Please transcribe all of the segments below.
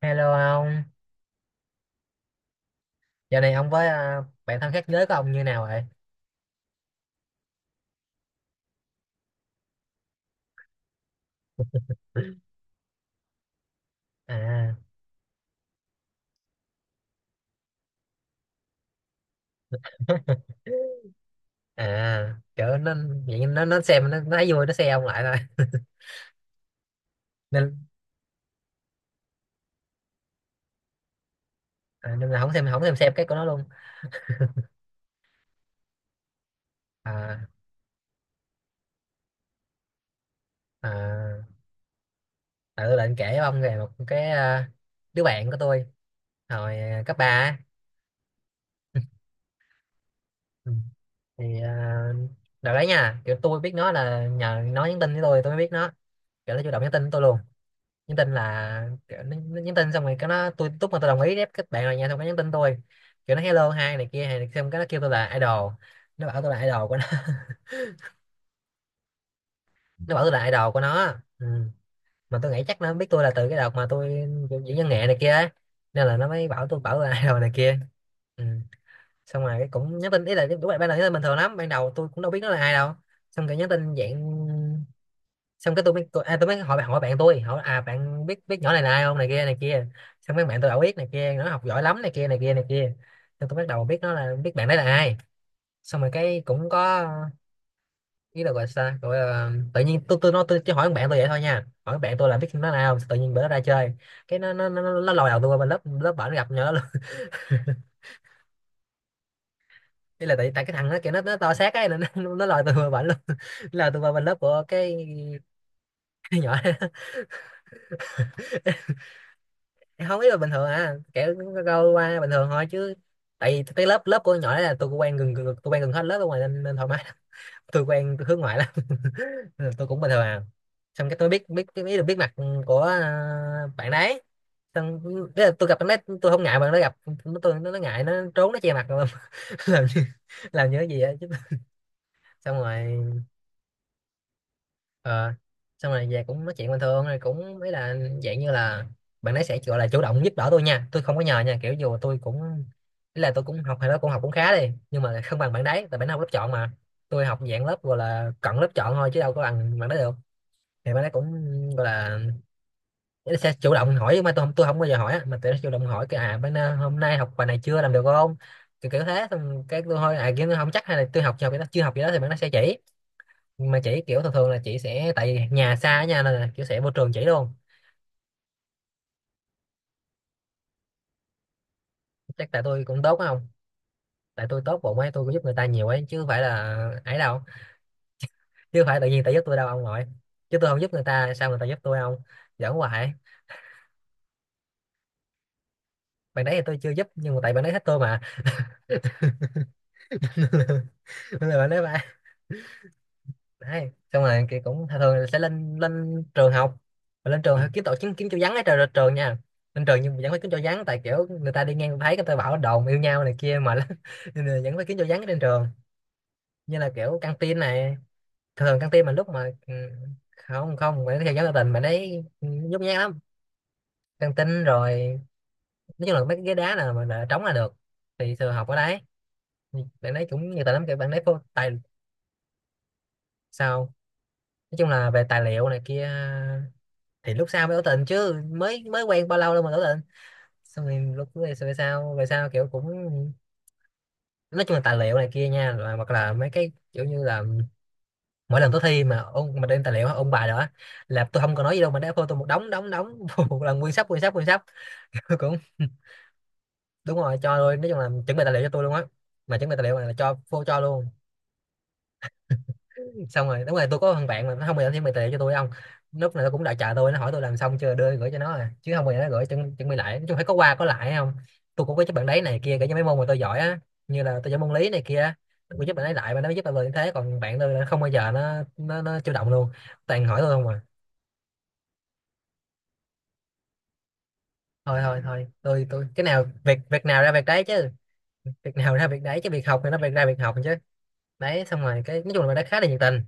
Hello ông, giờ này ông với bạn thân khác giới của ông như nào vậy? À, à, kiểu nó vậy nó xem nó thấy vui nó xem ông lại thôi nên à, nên là không xem không xem cái của nó luôn. À, à, tại tôi định kể với ông về một cái đứa bạn của tôi hồi cấp ba á. Ừ. Thì à, đợt đấy nha, kiểu tôi biết nó là nhờ nó nhắn tin với tôi mới biết nó, kiểu nó chủ động nhắn tin với tôi luôn. Nhắn tin là kiểu, nó nhắn tin xong rồi cái nó tôi lúc mà tôi đồng ý ép các bạn rồi nha xong cái nhắn tin tôi kiểu nó hello hai này kia hay này xong cái nó kêu tôi là idol, nó bảo tôi là idol của nó. Nó bảo tôi là idol của nó, ừ. Mà tôi nghĩ chắc nó biết tôi là từ cái đợt mà tôi diễn văn nghệ này kia á. Nên là nó mới bảo tôi là idol này kia, ừ. Xong rồi cái cũng nhắn tin ý là đúng là ban đầu nhắn tin bình thường lắm, ban đầu tôi cũng đâu biết nó là ai đâu, xong rồi nhắn tin dạng, xong cái tôi mới tôi mới hỏi hỏi bạn tôi hỏi à bạn biết biết nhỏ này là ai không này kia này kia. Xong mấy bạn tôi bảo biết này kia nó học giỏi lắm này kia này kia này kia. Xong tôi bắt đầu biết nó là biết bạn đấy là ai. Xong rồi cái cũng có ý là gọi sao gọi là, tự nhiên tôi tôi chỉ hỏi bạn tôi vậy thôi nha, hỏi bạn tôi là biết nó là ai không, tự nhiên bữa đó ra chơi cái nó lòi đầu tôi qua bên lớp lớp bển gặp nhỏ luôn. Ý là tại tại cái thằng nó kiểu nó to xác ấy nên nó lòi tôi qua bển luôn. Nó lòi tôi qua bên lớp của cái nhỏ đó. Không ý là bình thường à kiểu câu qua bình thường thôi chứ, tại vì cái lớp lớp của con nhỏ đấy là tôi cũng tôi quen gần hết lớp ở ngoài nên, nên thoải mái lắm. Tôi quen tôi hướng ngoại lắm. Nên là tôi cũng bình thường à, xong cái tôi biết biết biết được biết mặt của bạn đấy. Xong ý là tôi gặp bạn đấy tôi không ngại, bạn nó gặp nó ngại nó trốn nó che mặt luôn. Làm làm như cái gì á chứ. Xong rồi, ờ, xong rồi về cũng nói chuyện bình thường rồi cũng mấy là dạng như là bạn ấy sẽ gọi là chủ động giúp đỡ tôi nha, tôi không có nhờ nha, kiểu dù tôi cũng ý là tôi cũng học hay đó cũng học cũng khá đi nhưng mà không bằng bạn đấy, tại bạn ấy học lớp chọn mà, tôi học dạng lớp gọi là cận lớp chọn thôi chứ đâu có bằng bạn đấy được. Thì bạn ấy cũng gọi là ý là sẽ chủ động hỏi nhưng mà tôi không bao giờ hỏi á, mà tôi chủ động hỏi cái à bạn hôm nay học bài này chưa làm được không, kiểu, kiểu thế, xong cái tôi thôi à kiểu tôi không chắc hay là tôi học chưa học vậy đó chưa học vậy đó thì bạn nó sẽ chỉ. Nhưng mà chị kiểu thường thường là chị sẽ tại vì nhà xa nha nên là kiểu sẽ vô trường chỉ luôn. Chắc tại tôi cũng tốt không, tại tôi tốt bụng ấy tôi cũng giúp người ta nhiều ấy chứ không phải là ấy đâu, chứ không phải tự nhiên tại giúp tôi đâu ông nội, chứ tôi không giúp người ta sao người ta giúp tôi không. Giỡn hoài. Bạn đấy thì tôi chưa giúp nhưng mà tại bạn đấy thích tôi mà. Nên là bạn đấy ba đấy xong rồi thì cũng thường thường là sẽ lên lên trường học và lên trường kiếm tổ kiếm kiếm chỗ vắng ở trường nha. Lên trường nhưng mà vẫn phải kiếm chỗ vắng tại kiểu người ta đi ngang thấy người ta bảo đồn yêu nhau này kia mà. Nên là vẫn phải kiếm chỗ vắng trên trường, như là kiểu căng tin này. Thường căng tin mà lúc mà không không phải theo dõi tỏ tình mà đấy, ừ, nhút nhát lắm. Căng tin rồi, nói chung là mấy cái ghế đá nào mà đã trống là được, thì thường học ở đấy. Thì bạn đấy cũng nhiều tài lắm, kiểu bạn đấy phô tài. Sao, nói chung là về tài liệu này kia. Thì lúc sau mới tỏ tình chứ mới mới quen bao lâu đâu mà tỏ tình. Xong rồi lúc về về sau kiểu cũng nói chung là tài liệu này kia nha, rồi hoặc là mấy cái kiểu như là mỗi lần tôi thi mà ông mà đem tài liệu ông bài đó là tôi không có nói gì đâu mà đá phô tôi một đống đống đống. Một lần nguyên sắp nguyên sắp. Cũng đúng rồi cho, rồi nói chung là chuẩn bị tài liệu cho tôi luôn á, mà chuẩn bị tài liệu là cho phô cho luôn. Xong rồi đúng rồi tôi có thằng bạn mà nó không bao giờ chuẩn bị tài liệu cho tôi không. Lúc này nó cũng đã chờ tôi, nó hỏi tôi làm xong chưa đưa gửi cho nó à chứ không bao giờ nó gửi chuẩn bị lại, nói chung phải có qua có lại không. Tôi cũng có giúp bạn đấy này kia kể như mấy môn mà tôi giỏi á, như là tôi giỏi môn lý này kia á, tôi cũng giúp bạn ấy lại mà nó mới giúp bạn như thế, còn bạn tôi là không bao giờ nó chủ động luôn, toàn hỏi tôi không à. Thôi thôi thôi tôi cái nào việc việc nào ra việc đấy chứ, việc nào ra việc đấy chứ, việc học thì nó việc ra việc học chứ. Đấy xong rồi cái nói chung là bạn đấy khá là nhiệt tình.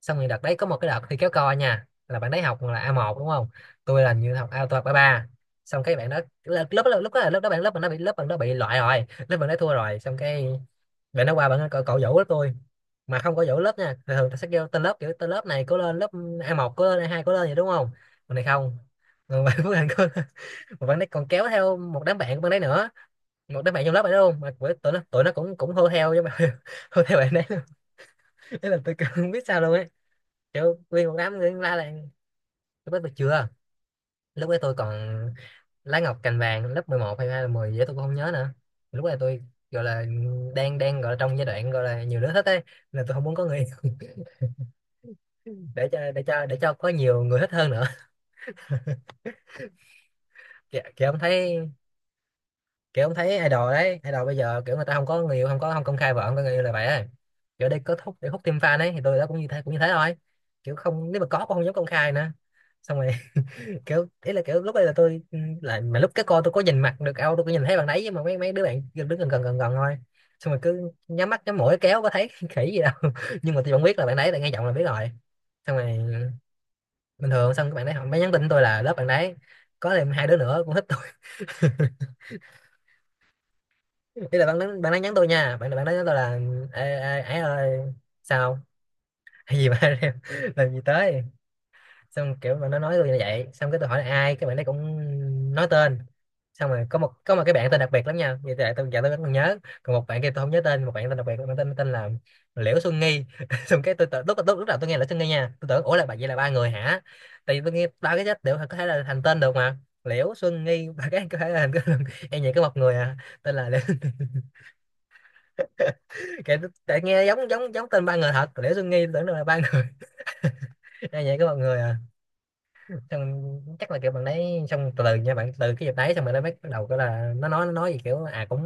Xong rồi đợt đấy có một cái đợt thi kéo co nha là bạn đấy học là A1 đúng không, tôi là như học A tôi học A3. Xong cái bạn đó lớp lớp lúc đó là lớp đó bạn lớp mình nó bị lớp bạn đó bị loại rồi, lớp bạn đó thua rồi. Xong cái rồi nó qua bạn cậu dỗ lớp tôi, mà không có dỗ lớp nha, thường thường ta sẽ kêu tên lớp kiểu tên lớp này cố lên lớp A1 cố lên A2 cố lên vậy đúng không, còn này không. Còn bạn của bạn cố lên mà bạn đấy còn kéo theo một đám bạn của bạn đấy nữa, một đám bạn trong lớp bạn đấy luôn, mà của- tụi nó cũng cũng hô theo với mà. Hô theo bạn đấy luôn. Thế là tôi cũng không biết sao luôn ấy, kiểu nguyên một đám người la làng. Lúc đó tôi chưa, lúc đấy tôi còn lá ngọc cành vàng, lớp 11 hay hai là 10 gì đó tôi cũng không nhớ nữa. Lúc này tôi gọi là đang đang gọi là trong giai đoạn gọi là nhiều đứa thích ấy, nên là tôi không muốn có người để cho có nhiều người thích hơn nữa. Kiểu, kiểu ông thấy idol đấy, idol bây giờ kiểu người ta không có người yêu, không có không công khai vợ, không có người yêu là vậy ấy. Kiểu đây có thúc để hút thêm fan ấy, thì tôi đó cũng như thế, cũng như thế thôi. Kiểu không, nếu mà có cũng không dám công khai nữa. Xong rồi. Kiểu ý là kiểu lúc đây là tôi lại mà lúc cái cô tôi có nhìn mặt được đâu, tôi có nhìn thấy bạn đấy nhưng mà mấy mấy đứa bạn đứng gần gần gần gần thôi. Xong rồi cứ nhắm mắt nhắm mũi kéo có thấy khỉ gì đâu nhưng mà tôi vẫn biết là bạn đấy, là nghe giọng là biết rồi. Xong rồi bình thường, xong các bạn đấy họ mới nhắn tin tôi là lớp bạn đấy có thêm hai đứa nữa cũng thích tôi. Ý là bạn đấy nhắn tôi nha, bạn bạn đấy nhắn tôi là ê, ê, ấy ơi sao hay gì mà làm gì tới. Xong kiểu mà nó nói tôi như vậy, xong cái tôi hỏi là ai, cái bạn đấy cũng nói tên. Xong rồi có một cái bạn tên đặc biệt lắm nha, vậy tại tôi giờ tôi vẫn còn nhớ. Còn một bạn kia tôi không nhớ tên, một bạn tên đặc biệt, bạn tên tên là Liễu Xuân Nghi. Xong cái tôi lúc lúc lúc đầu tôi nghe Liễu Xuân Nghi nha, tôi tưởng ủa là bạn, vậy là ba người hả? Tại vì tôi nghe ba cái chết đều có thể là thành tên được mà. Liễu Xuân Nghi, ba cái có thể là thành em, vậy có một người à. Tên là Liễu. Kể. Tại nghe giống giống giống tên ba người thật, Liễu Xuân Nghi, tưởng đâu là ba người. Em vậy có một người à. Xong chắc là kiểu bạn đấy, xong từ từ nha, bạn từ cái dịp đấy xong bạn đấy bắt đầu cái là nó nói gì kiểu à cũng,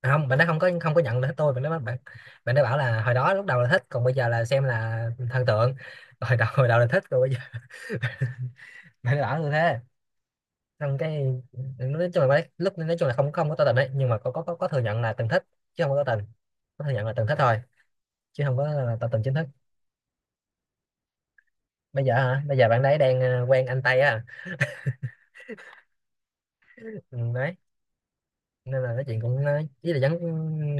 à không, bạn nó không có nhận được hết tôi, bạn nó bạn, bạn nó bảo là hồi đó lúc đầu là thích, còn bây giờ là xem là thần tượng. Hồi đầu là thích, rồi bây giờ bạn nó bảo như thế. Xong cái nói chung là bạn ấy, lúc nói chung là không không có tỏ tình đấy, nhưng mà có thừa nhận là từng thích, chứ không có tỏ tình. Có thừa nhận là từng thích thôi, chứ không có là tỏ tình chính thức. Bây giờ hả, bây giờ bạn đấy đang quen anh Tây á. Ừ, đấy. Nên là nói chuyện cũng ý là vẫn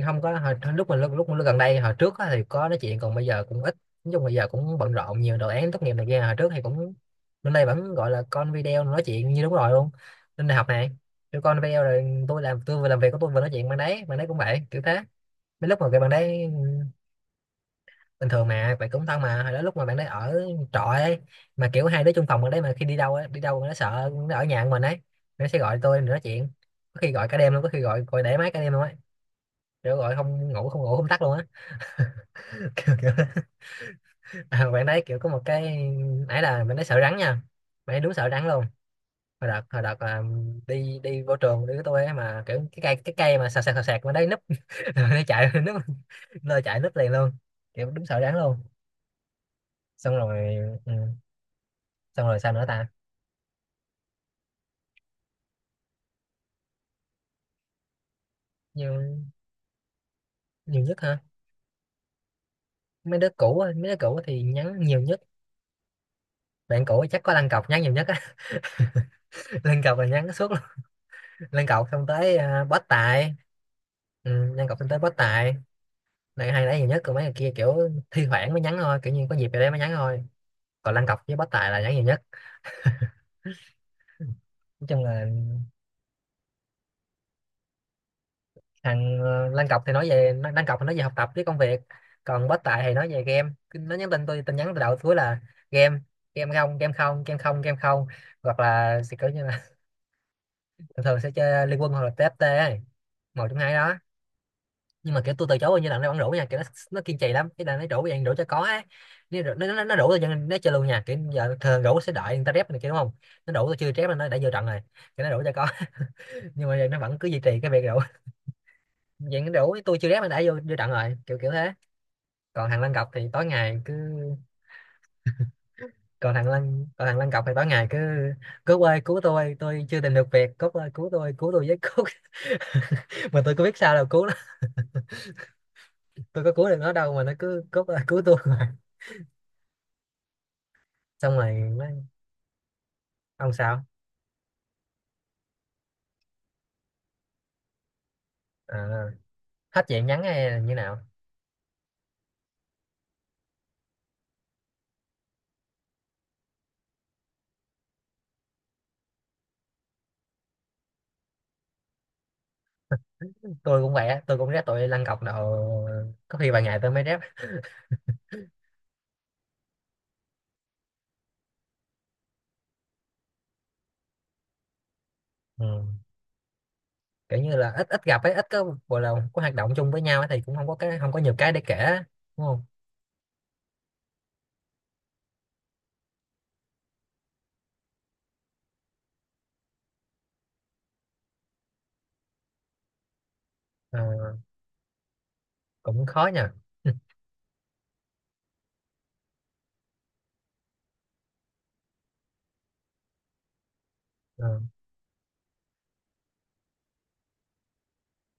không có, hồi lúc mà lúc gần đây, hồi trước á thì có nói chuyện còn bây giờ cũng ít. Nói chung bây giờ cũng bận rộn nhiều, đồ án tốt nghiệp này kia. Hồi trước thì cũng bên đây vẫn gọi là con video nói chuyện như đúng rồi luôn. Lên đại học này tụi con video rồi, tôi làm, tôi vừa làm việc của tôi vừa nói chuyện, bạn đấy cũng vậy kiểu thế. Mấy lúc mà cái bạn đấy bình thường mà bạn cũng thân, mà hồi đó lúc mà bạn đấy ở trọ ấy, mà kiểu hai đứa chung phòng bạn đấy, mà khi đi đâu ấy, đi đâu nó sợ nó ở nhà của mình ấy, nó sẽ gọi tôi để nói chuyện. Có khi gọi cả đêm luôn, có khi gọi gọi để máy cả đêm luôn á, kiểu gọi không ngủ không ngủ không tắt luôn á. Kiểu à, bạn đấy kiểu có một cái ấy là bạn ấy sợ rắn nha. Bạn ấy đúng sợ rắn luôn. Hồi đợt đi đi vô trường đi với tôi ấy mà, kiểu cái cây mà sạc sạc sạc sạc mà đấy núp. Rồi nó chạy núp, lơ chạy núp liền luôn, kiểu đúng sợ rắn luôn. Xong rồi. Ừ, xong rồi sao nữa ta? Nhiều nhiều nhất hả? Mấy đứa cũ á, mấy đứa cũ thì nhắn nhiều nhất. Bạn cũ chắc có lăn cọc nhắn nhiều nhất á. Lăn cọc là nhắn suốt luôn. Lăn cọc xong tới bó tài. Ừ, lăn cọc xong tới bó tài. Này hay nhảy nhiều nhất, còn mấy người kia kiểu thi thoảng mới nhắn thôi, kiểu như có dịp về đấy mới nhắn thôi. Còn Lan Cọc với Bó Tài là nhắn nhiều nhất. Nói chung là thằng Lan Cọc thì nói về Lan Cọc thì nói về học tập với công việc. Còn Bó Tài thì nói về game. Cứ nó nhắn tin tôi, tin nhắn từ đầu tới cuối là game, game không game không game không game không, hoặc là sẽ kiểu như là thường thường sẽ chơi Liên Quân hoặc là TFT ấy. Một trong hai đó. Nhưng mà kiểu tôi từ chối bao nhiêu lần nó vẫn rủ nha, kiểu nó kiên trì lắm, cái là nó rủ vậy, rủ cho có á. Nó rủ tôi cho nên nó chơi luôn nha, kiểu giờ thường rủ sẽ đợi người ta rep này kia đúng không, nó rủ tôi chưa rep là nó đã vô trận rồi. Kiểu nó rủ cho có. Nhưng mà giờ nó vẫn cứ duy trì cái việc rủ vậy, nó rủ tôi chưa rep nó đã vô vô trận rồi, kiểu kiểu thế. Còn thằng Lăng Cọc thì tối ngày cứ, còn thằng Lăng Cọc thì tối ngày cứ cứu ơi cứu tôi chưa tìm được việc, cốt ơi cứu tôi, cứu tôi với cốt. Mà tôi có biết sao đâu cứu nó, tôi có cứu được nó đâu, mà nó cứ cốt ơi cứu tôi xong rồi nó- ông sao? À, hết chuyện nhắn hay là như nào? Tôi cũng vậy á, tôi cũng rep tụi lăn cọc độ có khi vài ngày tôi mới rep. Ừ. Kiểu như là ít ít gặp ấy, ít có gọi là có hoạt động chung với nhau ấy, thì cũng không có cái, không có nhiều cái để kể á, đúng không? Ờ, cũng khó nha. Ừ.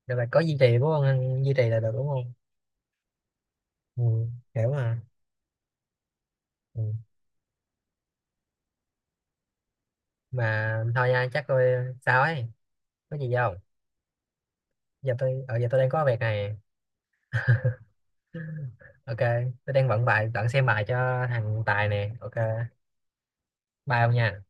Được rồi, có duy trì đúng không? Duy trì là được đúng không? Ừ. Hiểu mà. Ừ. Mà thôi nha chắc tôi sao ấy có gì không, giờ tôi đang có việc này. Ok. Tôi đang vận bài, bạn xem bài cho thằng Tài nè, ok. Bye ông nha.